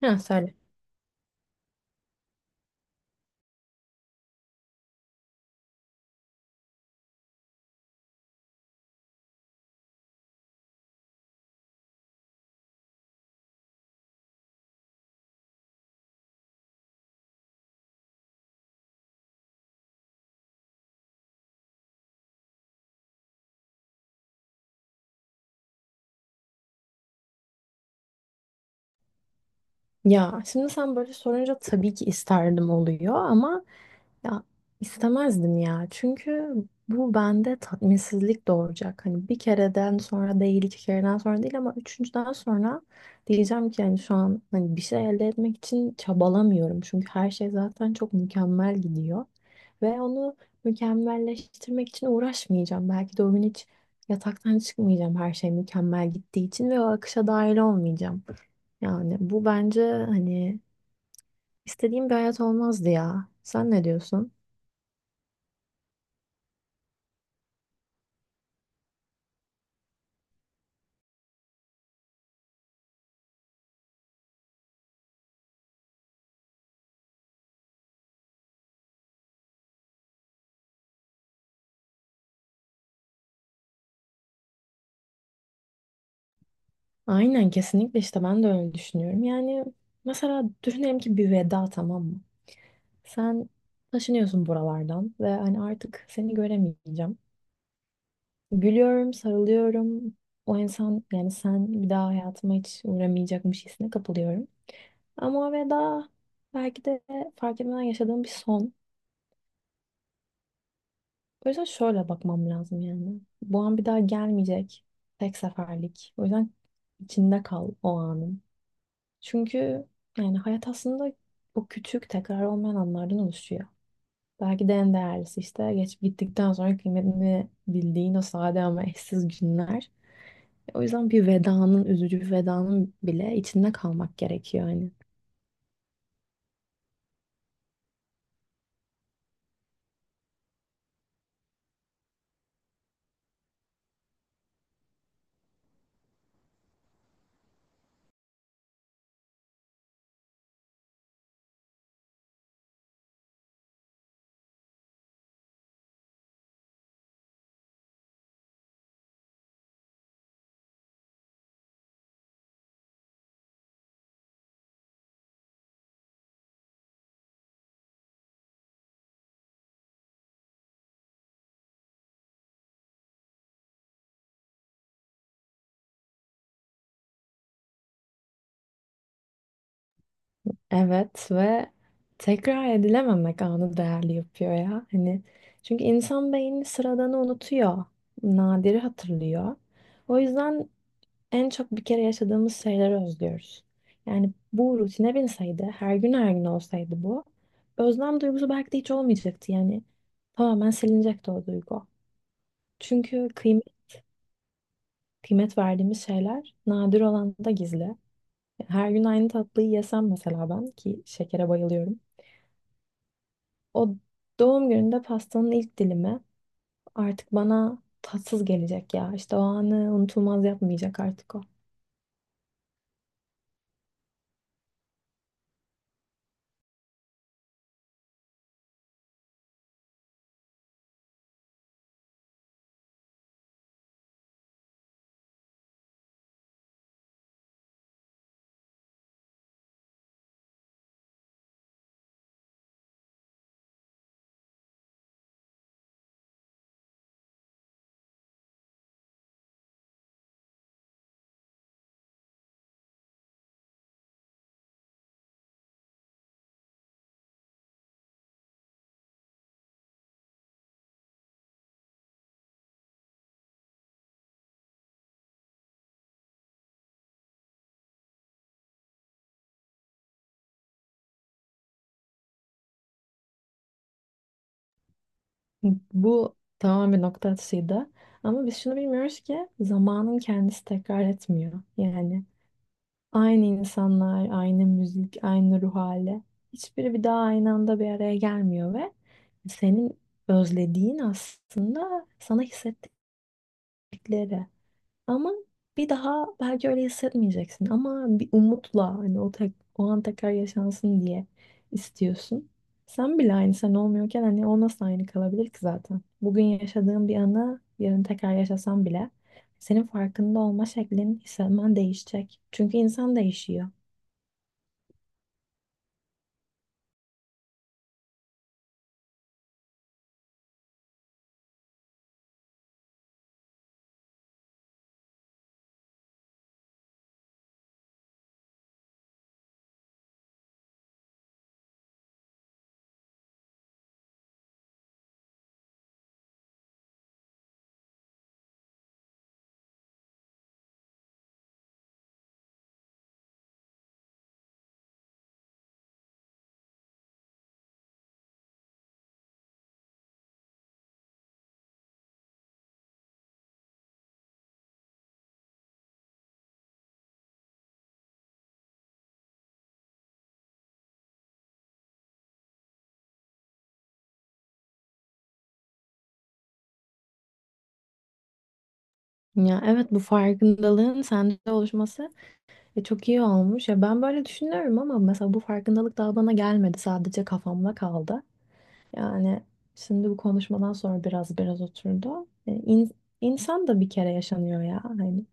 Ha, söyle. Ya şimdi sen böyle sorunca tabii ki isterdim oluyor ama... Ya istemezdim ya. Çünkü bu bende tatminsizlik doğuracak. Hani bir kereden sonra değil, iki kereden sonra değil, ama üçüncüden sonra diyeceğim ki hani şu an hani bir şey elde etmek için çabalamıyorum. Çünkü her şey zaten çok mükemmel gidiyor. Ve onu mükemmelleştirmek için uğraşmayacağım. Belki de o gün hiç yataktan çıkmayacağım, her şey mükemmel gittiği için ve o akışa dahil olmayacağım. Yani bu bence hani istediğim bir hayat olmazdı ya. Sen ne diyorsun? Aynen, kesinlikle işte ben de öyle düşünüyorum. Yani mesela düşünelim ki bir veda, tamam mı? Sen taşınıyorsun buralardan ve hani artık seni göremeyeceğim. Gülüyorum, sarılıyorum. O insan, yani sen bir daha hayatıma hiç uğramayacakmış hissine kapılıyorum. Ama o veda belki de fark etmeden yaşadığım bir son. O yüzden şöyle bakmam lazım yani. Bu an bir daha gelmeyecek. Tek seferlik. O yüzden içinde kal o anın. Çünkü yani hayat aslında o küçük tekrar olmayan anlardan oluşuyor. Belki de en değerlisi işte geçip gittikten sonra kıymetini bildiğin o sade ama eşsiz günler. O yüzden bir vedanın, üzücü bir vedanın bile içinde kalmak gerekiyor hani. Evet ve tekrar edilememek anı değerli yapıyor ya. Hani çünkü insan beyni sıradanı unutuyor, nadiri hatırlıyor. O yüzden en çok bir kere yaşadığımız şeyleri özlüyoruz. Yani bu rutine binseydi, her gün her gün olsaydı bu, özlem duygusu belki de hiç olmayacaktı. Yani tamamen silinecekti o duygu. Çünkü kıymet, kıymet verdiğimiz şeyler nadir olan da gizli. Her gün aynı tatlıyı yesem, mesela ben ki şekere bayılıyorum. O doğum gününde pastanın ilk dilimi artık bana tatsız gelecek ya. İşte o anı unutulmaz yapmayacak artık o. Bu tamamen nokta atışıydı. Ama biz şunu bilmiyoruz ki zamanın kendisi tekrar etmiyor. Yani aynı insanlar, aynı müzik, aynı ruh hali. Hiçbiri bir daha aynı anda bir araya gelmiyor ve senin özlediğin aslında sana hissettikleri. Ama bir daha belki öyle hissetmeyeceksin. Ama bir umutla hani o, tek, o an tekrar yaşansın diye istiyorsun. Sen bile aynı sen olmuyorken hani o nasıl aynı kalabilir ki zaten? Bugün yaşadığın bir anı yarın tekrar yaşasan bile senin farkında olma şeklin, hissetmen değişecek. Çünkü insan değişiyor. Ya evet, bu farkındalığın sende oluşması çok iyi olmuş. Ya ben böyle düşünüyorum ama mesela bu farkındalık daha bana gelmedi. Sadece kafamda kaldı. Yani şimdi bu konuşmadan sonra biraz oturdu. İnsan da bir kere yaşanıyor ya. Hani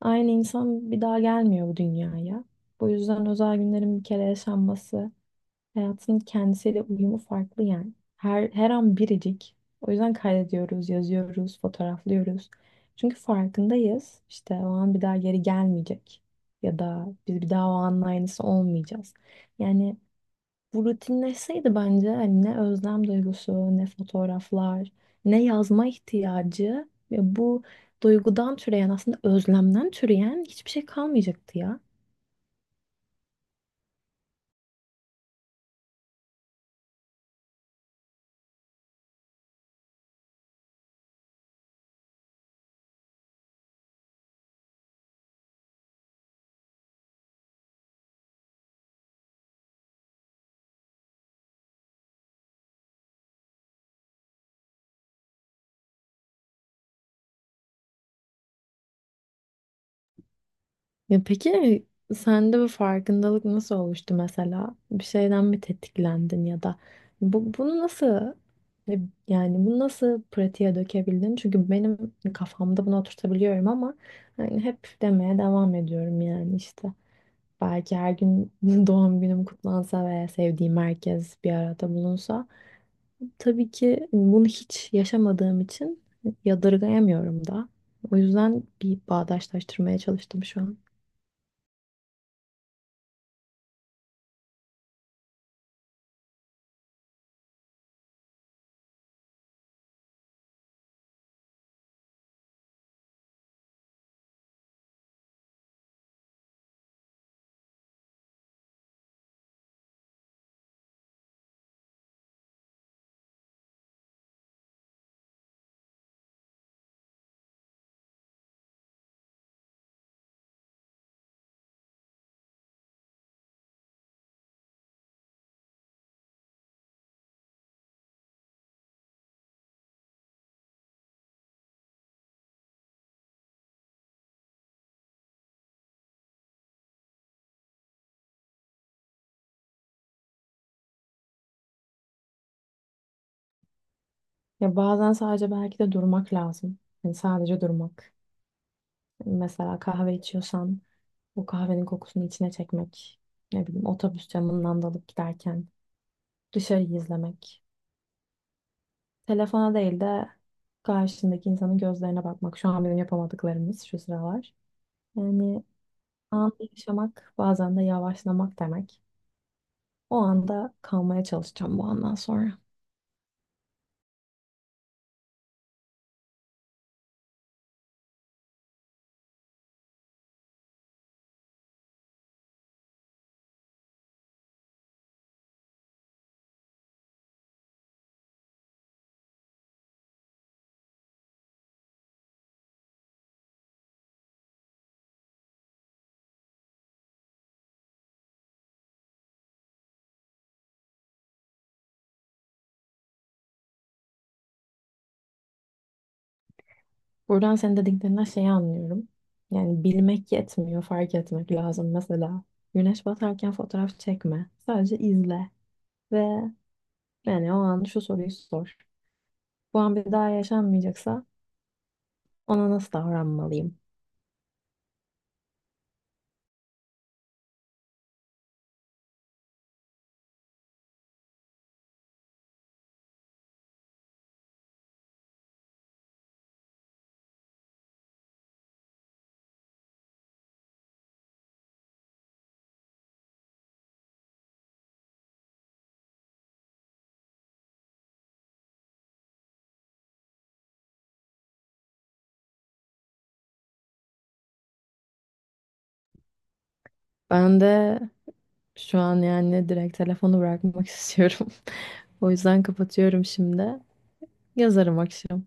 aynı insan bir daha gelmiyor bu dünyaya. Bu yüzden özel günlerin bir kere yaşanması, hayatın kendisiyle uyumu farklı yani. Her, her an biricik. O yüzden kaydediyoruz, yazıyoruz, fotoğraflıyoruz. Çünkü farkındayız. İşte o an bir daha geri gelmeyecek. Ya da biz bir daha o anın aynısı olmayacağız. Yani bu rutinleşseydi bence hani ne özlem duygusu, ne fotoğraflar, ne yazma ihtiyacı ve bu duygudan türeyen, aslında özlemden türeyen hiçbir şey kalmayacaktı ya. Ya peki sende bu farkındalık nasıl oluştu mesela? Bir şeyden mi tetiklendin ya da bu, bunu nasıl e, yani bunu nasıl pratiğe dökebildin? Çünkü benim kafamda bunu oturtabiliyorum ama hani hep demeye devam ediyorum yani işte. Belki her gün doğum günüm kutlansa veya sevdiğim herkes bir arada bulunsa. Tabii ki bunu hiç yaşamadığım için yadırgayamıyorum da. O yüzden bir bağdaşlaştırmaya çalıştım şu an. Ya bazen sadece belki de durmak lazım. Yani sadece durmak. Yani mesela kahve içiyorsan o kahvenin kokusunu içine çekmek. Ne bileyim, otobüs camından dalıp giderken dışarıyı izlemek. Telefona değil de karşındaki insanın gözlerine bakmak. Şu an benim yapamadıklarımız şu sıralar. Yani anı yaşamak bazen de yavaşlamak demek. O anda kalmaya çalışacağım bu andan sonra. Buradan senin dediklerinden şeyi anlıyorum. Yani bilmek yetmiyor, fark etmek lazım. Mesela güneş batarken fotoğraf çekme. Sadece izle ve yani o an şu soruyu sor. Bu an bir daha yaşanmayacaksa ona nasıl davranmalıyım? Ben de şu an yani direkt telefonu bırakmak istiyorum. O yüzden kapatıyorum şimdi. Yazarım akşam.